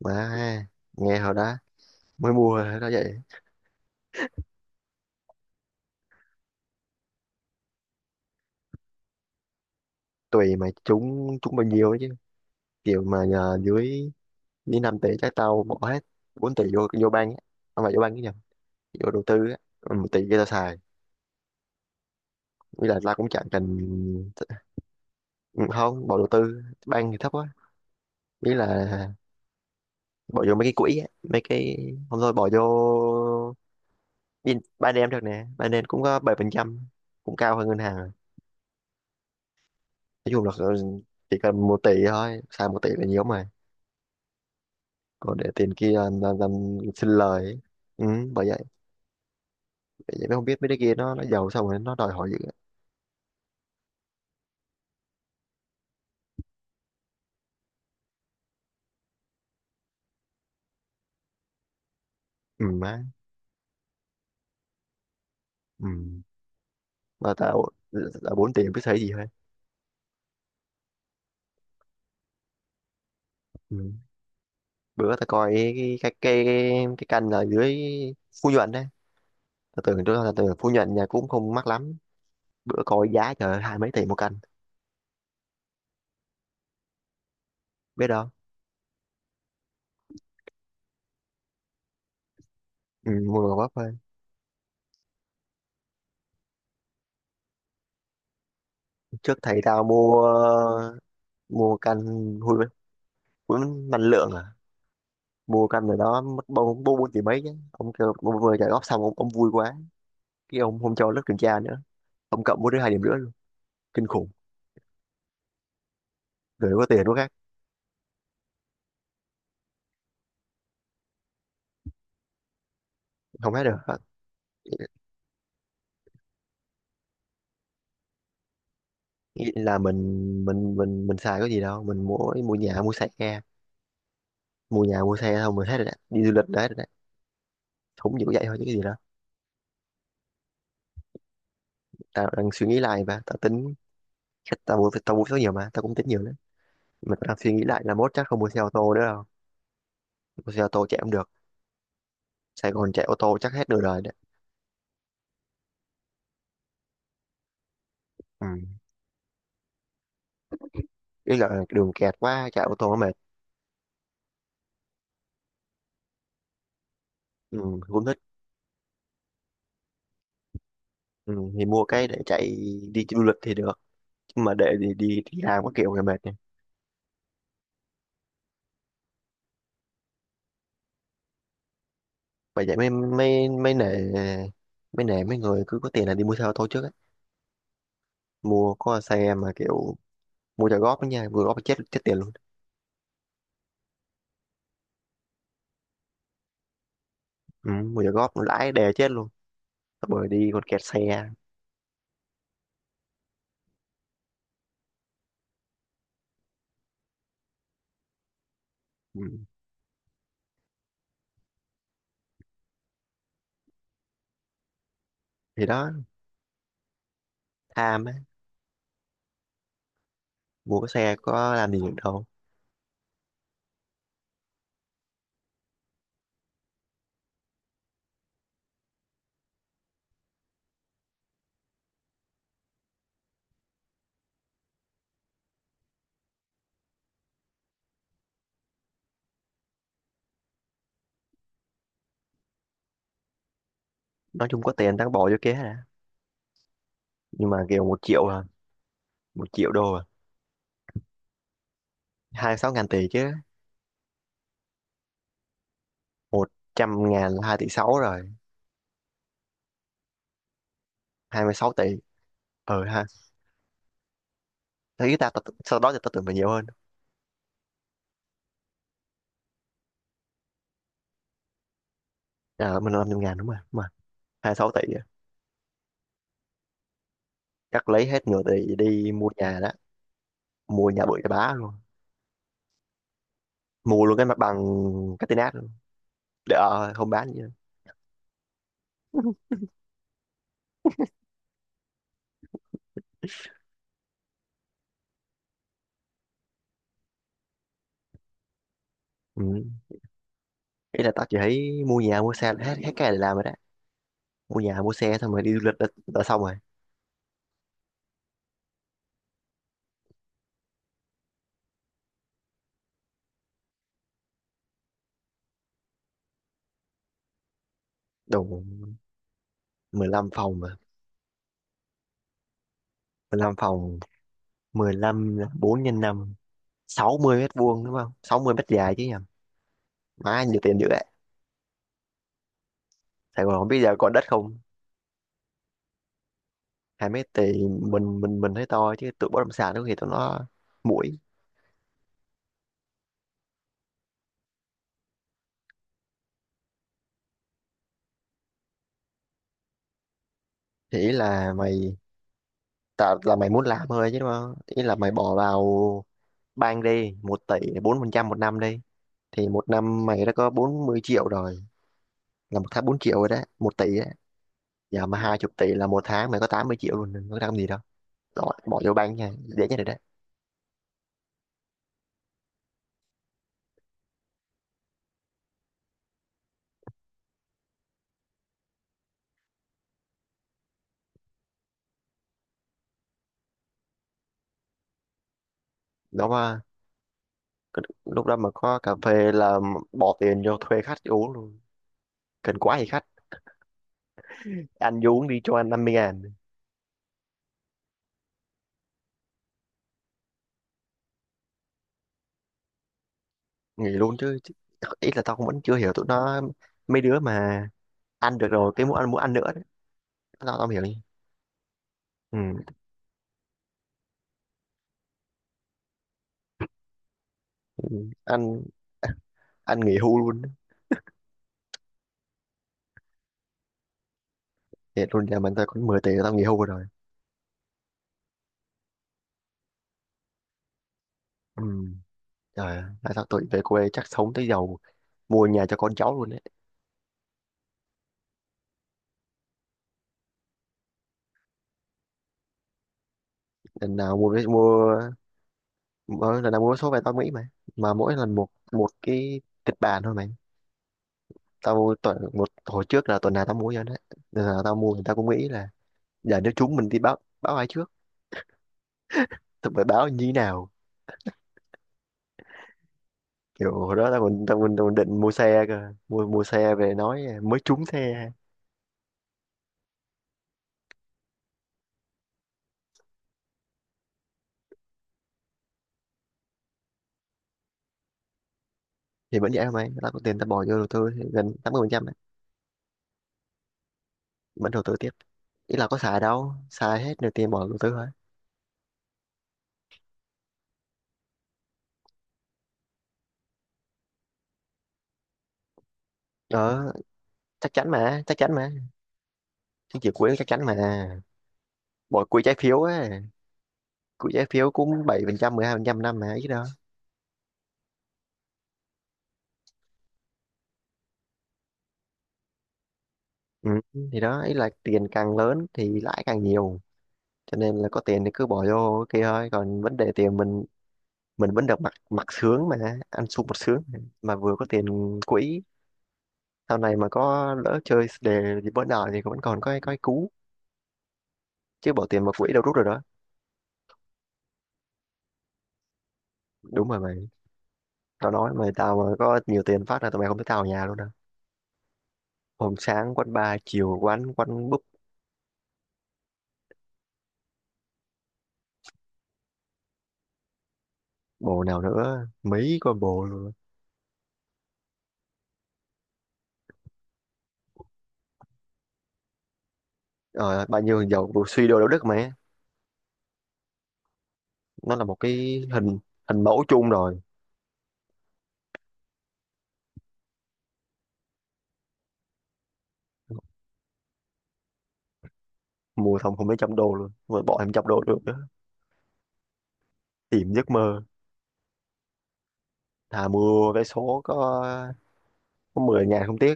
Má, ha, nghe hồi đó mới mua hồi đó vậy. Tùy mà trúng trúng bao nhiêu ấy chứ. Kiểu mà nhờ dưới dưới 5 tỷ trái tao bỏ hết 4 tỷ vô vô bank á. Không phải vô bank cái nhầm, vô đầu tư á. Ừ, Một tỷ kia tao xài. Nghĩa là tao cũng chẳng cần, không bỏ đầu tư bank thì thấp quá. Nghĩa là bỏ vô mấy cái quỹ á, mấy cái không thôi bỏ vô Binance được nè. Ba Binance cũng có 7%, cũng cao hơn ngân hàng rồi. Nói chung là chỉ cần 1 tỷ thôi, xài 1 tỷ là nhiều mà. Còn để tiền kia làm xin lời ấy. Ừ, bởi vậy bởi vậy mới không biết mấy đứa kia nó giàu xong rồi nó đòi hỏi dữ. Ừ má. Ừ, mà tao là bốn tiền biết thấy gì hết. Ừ. Bữa tao coi cái cái cái cái canh ở dưới Phú Nhuận đấy, tao tưởng tôi là tưởng Phú Nhuận nhà cũng không mắc lắm, bữa coi giá trời ơi, hai mấy tỷ một căn, biết đâu. Ừ, mua đồ bắp thôi. Trước thầy tao mua mua căn, hun hun năng lượng à, mua căn rồi đó mất bốn bốn bốn tỷ mấy chứ, ông kêu mua vừa trả góp xong, ông vui quá, cái ông không cho lớp kiểm tra nữa, ông cộng mỗi đứa 2,5 điểm luôn, kinh khủng. Rồi có tiền quá khác, không hết được hết. Nghĩ là mình xài cái gì đâu, mình mua mua nhà mua xe, mua nhà mua xe thôi mình hết rồi đấy, đi du lịch đấy rồi đấy, không chỉ có vậy thôi chứ cái gì đó. Tao đang suy nghĩ lại và tao tính, chắc tao mua, số nhiều mà tao cũng tính nhiều đấy, mà tao đang suy nghĩ lại là mốt chắc không mua xe ô tô nữa đâu. Mua xe ô tô chạy không được, Sài Gòn chạy ô tô chắc hết nửa đời đấy. Ừ. Ý là đường kẹt quá chạy ô tô nó mệt. Ừ, cũng thích. Ừ, thì mua cái để chạy đi du lịch thì được, mà để đi đi đi làm có kiểu người mệt nhỉ. Bởi vậy mấy mấy mấy nể mấy nể mấy người cứ có tiền là đi mua xe ô tô trước á, mua có xe mà kiểu mua trả góp đó nha, vừa góp chết chết tiền luôn. Ừ, mua trả góp lãi đè chết luôn, bởi đi còn kẹt xe. Ừ. Thì đó, tham á, mua cái xe có làm gì được đâu. Nói chung có tiền tao bỏ vô kia đã, nhưng mà kiểu một triệu à, một triệu đô à, hai sáu ngàn tỷ chứ. Một trăm ngàn là hai tỷ sáu rồi, 26 tỷ. Ờ ha. Thế ý ta, ta, sau đó thì tao tưởng phải nhiều hơn. À, mình làm trăm ngàn đúng không mà, hai sáu tỷ á. Cắt lấy hết nửa tỷ đi mua nhà đó, mua nhà bự cho bá luôn, mua luôn cái mặt bằng, cái tên át luôn, để, ờ, không bán gì nữa. Ừ. Ý là tao chỉ thấy mua nhà mua xe là hết, hết cái này để làm rồi đó, mua nhà mua xe xong rồi đi du lịch đã xong rồi. Đủ 15 phòng mà, 15 phòng, 15 4 nhân năm, 60 mét vuông đúng không, 60 mét dài chứ nhầm. Má nhiều tiền dữ vậy. Sài Gòn không biết giờ còn đất không. Hai mét thì mình thấy to chứ tụi bất động sản có thì tụi nó muội. Thì ý là mày tạo, là mày muốn làm thôi chứ đúng không, ý là mày bỏ vào bank đi 1 tỷ 4% một năm đi, thì một năm mày đã có 40 triệu rồi, là một tháng 4 triệu rồi đấy, một tỷ đấy. Giờ mà 20 tỷ là một tháng mày có 80 triệu luôn, đừng có làm gì đâu, bỏ vô bank nha, dễ nhất rồi đấy. Đó mà, c- lúc đó mà có cà phê là bỏ tiền vô thuê khách uống luôn, cần quá thì khách ăn vô uống đi cho anh mươi ngàn. Nghỉ luôn chứ. Ý là tao cũng vẫn chưa hiểu tụi nó, mấy đứa mà ăn được rồi cái muốn ăn nữa, tao tao hiểu nhỉ. Ừ, thì anh, nghỉ hưu luôn đấy. Thiệt luôn nhà mình, tao có 10 tỷ là tao nghỉ hưu rồi. Ừ. Trời ơi, tại sao tụi về quê chắc sống tới giàu, mua nhà cho con cháu luôn đấy. Lần nào mua, mỗi lần nào mua số về tao nghĩ mà mỗi lần một một cái kịch bản thôi mày. Tao tuần một hồi trước là tuần nào tao mua cho đấy, nên là tao mua thì tao cũng nghĩ là giờ nếu chúng mình đi báo báo ai trước, tụi phải báo như thế nào, kiểu hồi đó tao còn định mua xe cơ, mua mua xe về nói mới trúng xe. Thì vẫn vậy thôi mày, là có tiền ta bỏ vô đầu tư thì gần 80% ấy, vẫn đầu tư tiếp. Ý là có xài đâu, xài hết được tiền bỏ đầu tư thôi. Đó, chắc chắn mà, chắc chắn mà, chứng chỉ quỹ chắc chắn mà, bỏ quỹ trái phiếu ấy, quỹ trái phiếu cũng 7% 12% năm mà ít đó. Ừ. Thì đó, ý là tiền càng lớn thì lãi càng nhiều, cho nên là có tiền thì cứ bỏ vô cái kia thôi, còn vấn đề tiền mình vẫn được mặc mặc sướng mà, ăn sung mặc sướng, mà vừa có tiền quỹ. Sau này mà có lỡ chơi đề gì bữa nào thì vẫn còn có cái, có cái cú chứ bỏ tiền vào quỹ đâu rút rồi đó. Đúng rồi mày, tao nói mày, tao mà có nhiều tiền phát là tụi mày không thấy tao ở nhà luôn đâu, hôm sáng quán bar chiều quán quán búp, bồ nào nữa, mấy combo luôn. Ờ, bao nhiêu thằng giàu vừa suy đô đạo đức mày, nó là một cái hình hình mẫu chung rồi. Mua xong không mấy trăm đô luôn mà bỏ thêm trăm đô được nữa, tìm giấc mơ. Thà mua vé số có mười ngàn không tiếc,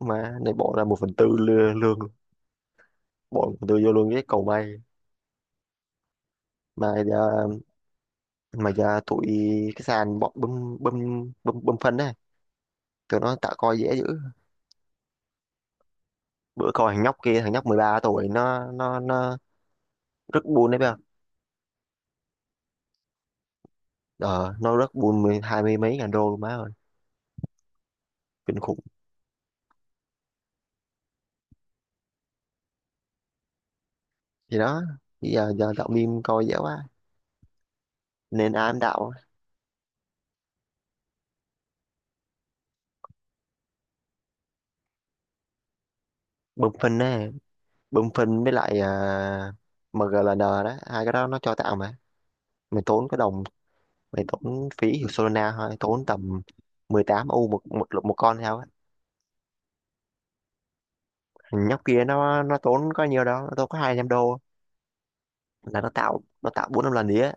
mà này bỏ ra một phần tư lương, lương bỏ một phần tư vô lương cái cầu may. Mà giờ mà giờ tụi, cái sàn bọn bơm bơm bơm bơm phân đấy, tụi nó tạo coi dễ dữ. Bữa coi thằng nhóc kia, thằng nhóc 13 tuổi nó rất buôn đấy bây giờ. Ờ, nó rất buôn mười hai mươi mấy ngàn đô luôn, má ơi, kinh khủng. Thì đó, bây giờ giờ đạo meme coi dễ quá, nên ai cũng đạo bơm phân đấy, bơm phân với lại, à, MGLN đó, hai cái đó nó cho tạo mà, mày tốn cái đồng, mày tốn phí hiệu Solana thôi, tốn tầm 18 u một một một con theo á, nhóc kia nó tốn có nhiều đâu, nó tốn có 200 đô, là nó tạo, bốn năm lần gì á,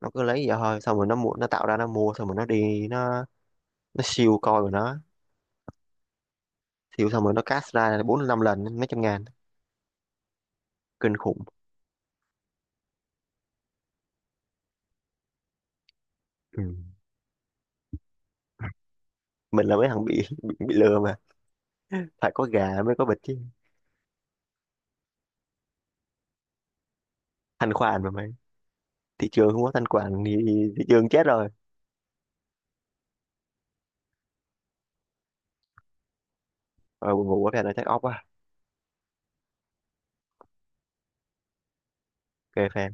nó cứ lấy vậy thôi, xong rồi nó mua, nó tạo ra nó mua xong rồi nó đi, nó siêu coi của nó, siêu xong rồi nó cast ra là bốn năm lần mấy trăm ngàn, kinh khủng. Ừ. Mình là mấy thằng bị lừa mà, phải có gà mới có vịt chứ. Thanh khoản mà mày, thị trường không có thanh khoản thì, thị trường chết rồi. Rồi buồn ngủ quá, phải là take off quá. OK phê.